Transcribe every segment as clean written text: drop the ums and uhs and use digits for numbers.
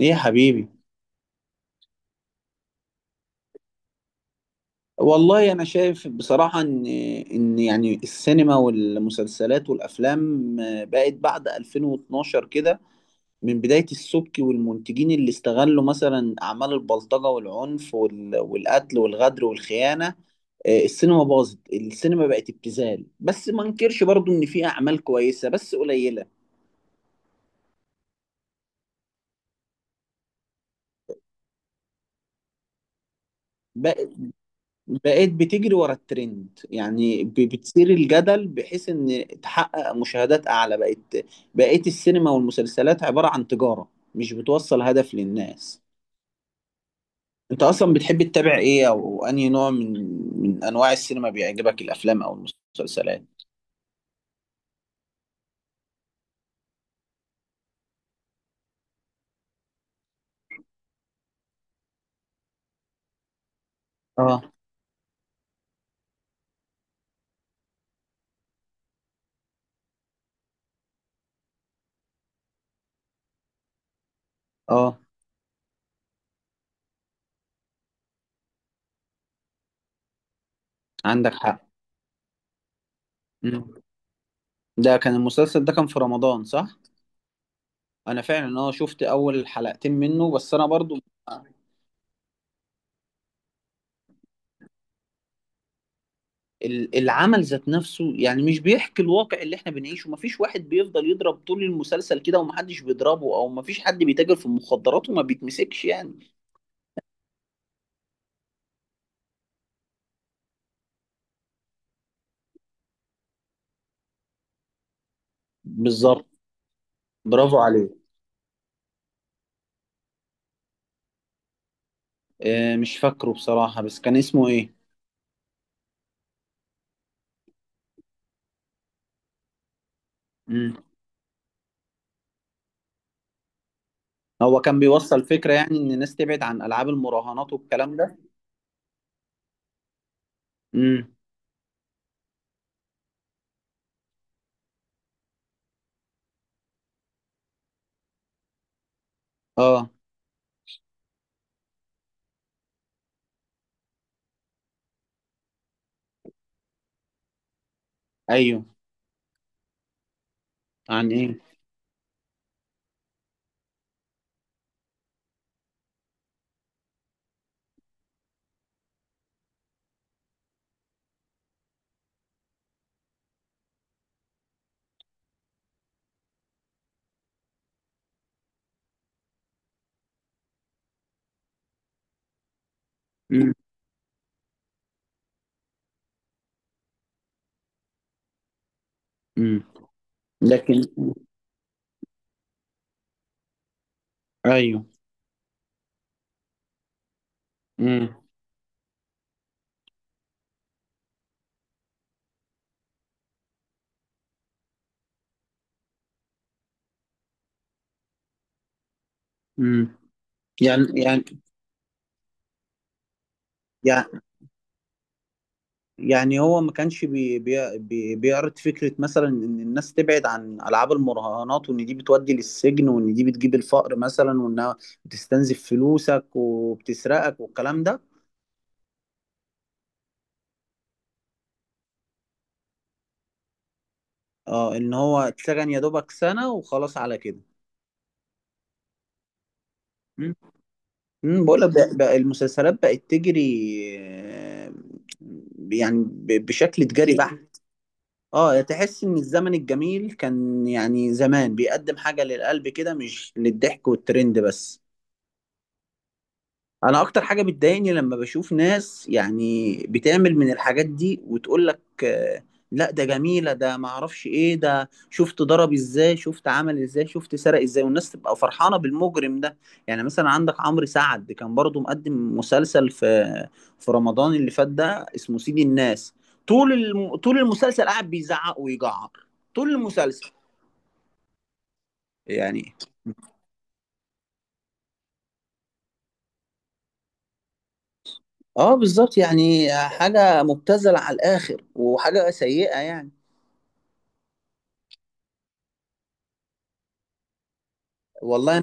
ايه يا حبيبي. والله انا شايف بصراحة ان يعني السينما والمسلسلات والافلام بقت بعد 2012 كده، من بداية السبكي والمنتجين اللي استغلوا مثلا اعمال البلطجة والعنف والقتل والغدر والخيانة. السينما باظت، السينما بقت ابتذال، بس ما انكرش برضو ان في اعمال كويسة بس قليلة. بقيت بتجري ورا الترند، يعني بتثير الجدل بحيث ان تحقق مشاهدات اعلى. بقت بقيت السينما والمسلسلات عبارة عن تجارة، مش بتوصل هدف للناس. انت اصلا بتحب تتابع ايه، او انهي نوع من من انواع السينما بيعجبك، الافلام او المسلسلات؟ اه. اه، عندك حق. مم. ده كان المسلسل، ده كان في رمضان صح؟ انا فعلا اه شفت اول حلقتين منه، بس انا برضو العمل ذات نفسه يعني مش بيحكي الواقع اللي احنا بنعيشه. مفيش واحد بيفضل يضرب طول المسلسل كده ومحدش بيضربه، او مفيش حد بيتاجر في المخدرات وما بيتمسكش يعني. بالظبط. برافو عليه. اه مش فاكره بصراحة، بس كان اسمه ايه؟ مم. هو كان بيوصل فكرة يعني ان الناس تبعد عن العاب المراهنات والكلام ده؟ امم. اه. ايوه. عن ايه؟ امم. امم. لكن، ايوه. امم. امم. يعني، يعني، يعني، يعني هو ما كانش بي بي بي بيعرض فكرة مثلا إن الناس تبعد عن ألعاب المراهنات، وإن دي بتودي للسجن، وإن دي بتجيب الفقر مثلا، وإنها بتستنزف فلوسك وبتسرقك والكلام ده؟ اه إن هو اتسجن يا دوبك سنة وخلاص على كده. امم. بقول لك، بقى بقى المسلسلات بقت تجري، آه، يعني بشكل تجاري بحت. اه تحس ان الزمن الجميل كان يعني زمان بيقدم حاجة للقلب كده، مش للضحك والترند بس. انا اكتر حاجه بتضايقني لما بشوف ناس يعني بتعمل من الحاجات دي وتقول لك لا ده جميله، ده ما اعرفش ايه، ده شفت ضرب ازاي، شفت عمل ازاي، شفت سرق ازاي، والناس تبقى فرحانه بالمجرم ده. يعني مثلا عندك عمرو سعد كان برضو مقدم مسلسل في في رمضان اللي فات ده، اسمه سيد الناس. طول المسلسل قاعد بيزعق ويجعر طول المسلسل. يعني اه بالظبط، يعني حاجه مبتذله على الاخر، وحاجه سيئه يعني. والله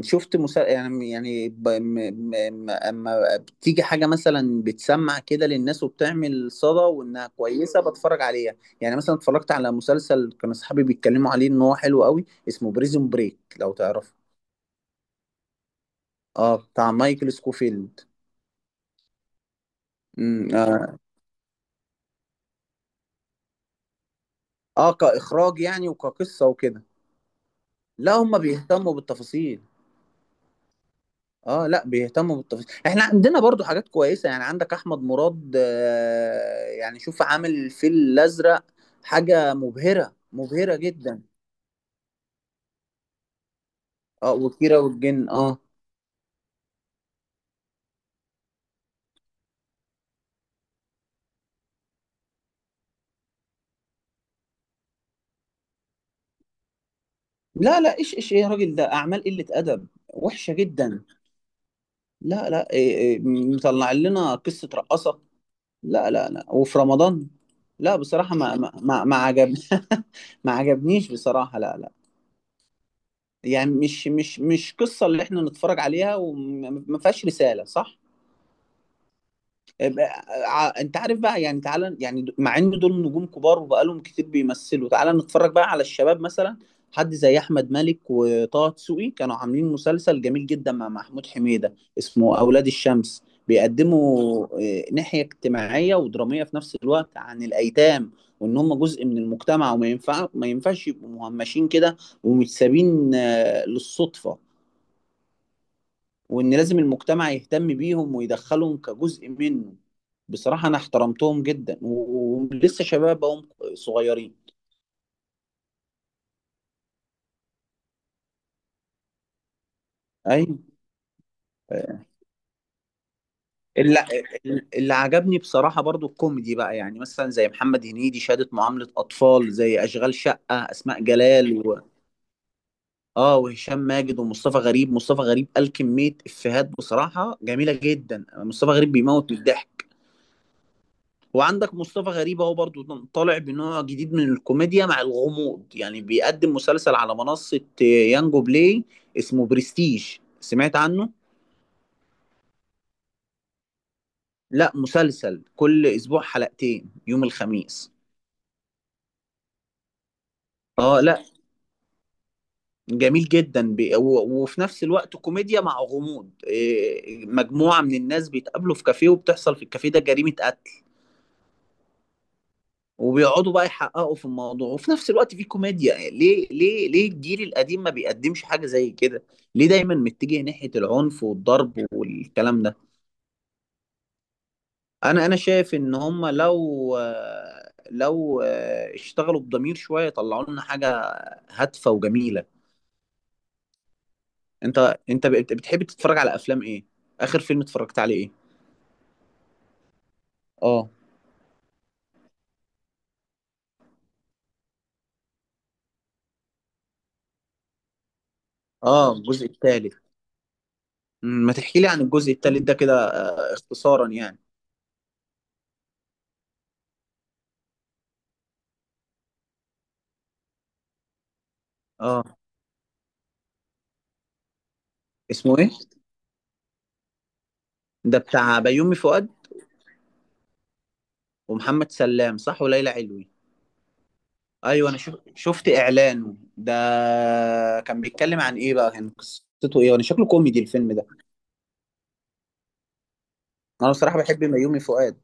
شفت مسا... يعني يعني ب... م... م... م- اما بتيجي حاجه مثلا بتسمع كده للناس وبتعمل صدى وانها كويسه، بتفرج عليها. يعني مثلا اتفرجت على مسلسل كان اصحابي بيتكلموا عليه ان هو حلو قوي، اسمه بريزون بريك، لو تعرفه. اه بتاع مايكل سكوفيلد. اه, آه كاخراج يعني وكقصه وكده. لا هم بيهتموا بالتفاصيل. اه لا بيهتموا بالتفاصيل. احنا عندنا برضو حاجات كويسه، يعني عندك احمد مراد، يعني شوف عامل الفيل الازرق، حاجه مبهره مبهره جدا. اه وكيرة والجن. اه لا لا، ايش ايش ايه يا راجل، ده اعمال قله ادب وحشه جدا. لا لا، إيه إيه مطلع لنا قصه رقاصه؟ لا لا لا، وفي رمضان. لا بصراحه ما ما ما ما عجب. ما عجبنيش بصراحه، لا لا. يعني مش مش مش قصه اللي احنا نتفرج عليها، وما ما فيهاش رساله، صح؟ انت عارف بقى، يعني تعالى يعني مع ان دول نجوم كبار وبقالهم كتير بيمثلوا، تعالى نتفرج بقى على الشباب مثلا. حد زي احمد مالك وطه دسوقي، كانوا عاملين مسلسل جميل جدا مع محمود حميدة، اسمه اولاد الشمس. بيقدموا ناحية اجتماعية ودرامية في نفس الوقت عن الايتام، وان هم جزء من المجتمع، وما ينفع ما ينفعش يبقوا مهمشين كده ومتسابين للصدفة، وان لازم المجتمع يهتم بيهم ويدخلهم كجزء منه. بصراحة انا احترمتهم جدا، ولسه شباب هم صغيرين. ايوه. اللي, اللي عجبني بصراحة برضو الكوميدي بقى، يعني مثلا زي محمد هنيدي شهادة معاملة أطفال، زي أشغال شقة أسماء جلال و... وهشام ماجد ومصطفى غريب. مصطفى غريب قال كمية إفيهات بصراحة جميلة جدا، مصطفى غريب بيموت من الضحك. وعندك مصطفى غريب اهو برضو طالع بنوع جديد من الكوميديا مع الغموض، يعني بيقدم مسلسل على منصة يانجو بلاي، اسمه برستيج. سمعت عنه؟ لا مسلسل، كل اسبوع حلقتين يوم الخميس. اه لا جميل جدا وفي نفس الوقت كوميديا مع غموض، مجموعة من الناس بيتقابلوا في كافيه، وبتحصل في الكافيه ده جريمة قتل، وبيقعدوا بقى يحققوا في الموضوع، وفي نفس الوقت في كوميديا. ليه ليه ليه الجيل القديم ما بيقدمش حاجة زي كده؟ ليه دايما متجه ناحية العنف والضرب والكلام ده؟ انا شايف ان هم لو لو اشتغلوا بضمير شوية طلعوا لنا حاجة هادفة وجميلة. انت بتحب تتفرج على افلام ايه؟ اخر فيلم اتفرجت عليه ايه؟ اه. اه الجزء الثالث. ما تحكي لي عن الجزء الثالث ده كده، اختصارا يعني. اه اسمه ايه؟ ده بتاع بيومي فؤاد ومحمد سلام صح، وليلى علوي. ايوه انا شفت اعلانه ده، كان بيتكلم عن ايه بقى، كان قصته ايه؟ وانا شكله كوميدي الفيلم ده. انا بصراحه بحب ميومي فؤاد.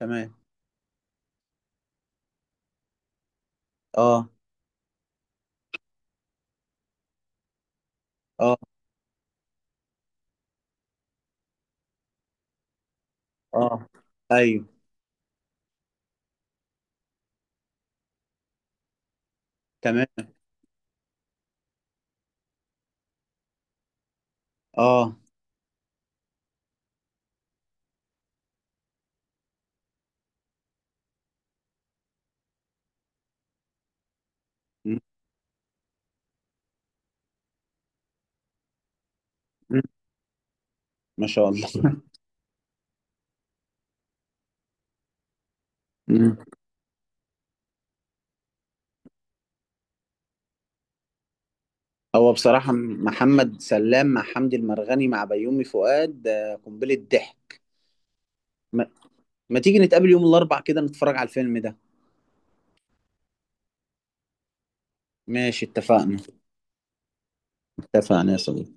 تمام. اه. اه. اه. ايوه. تمام. اه. م- م- ما شاء الله. م. هو بصراحه محمد سلام مع حمدي المرغني مع بيومي فؤاد ده قنبله ضحك. ما... ما تيجي نتقابل يوم الاربع كده نتفرج على الفيلم ده؟ ماشي اتفقنا. اتفقنا يا صديقي.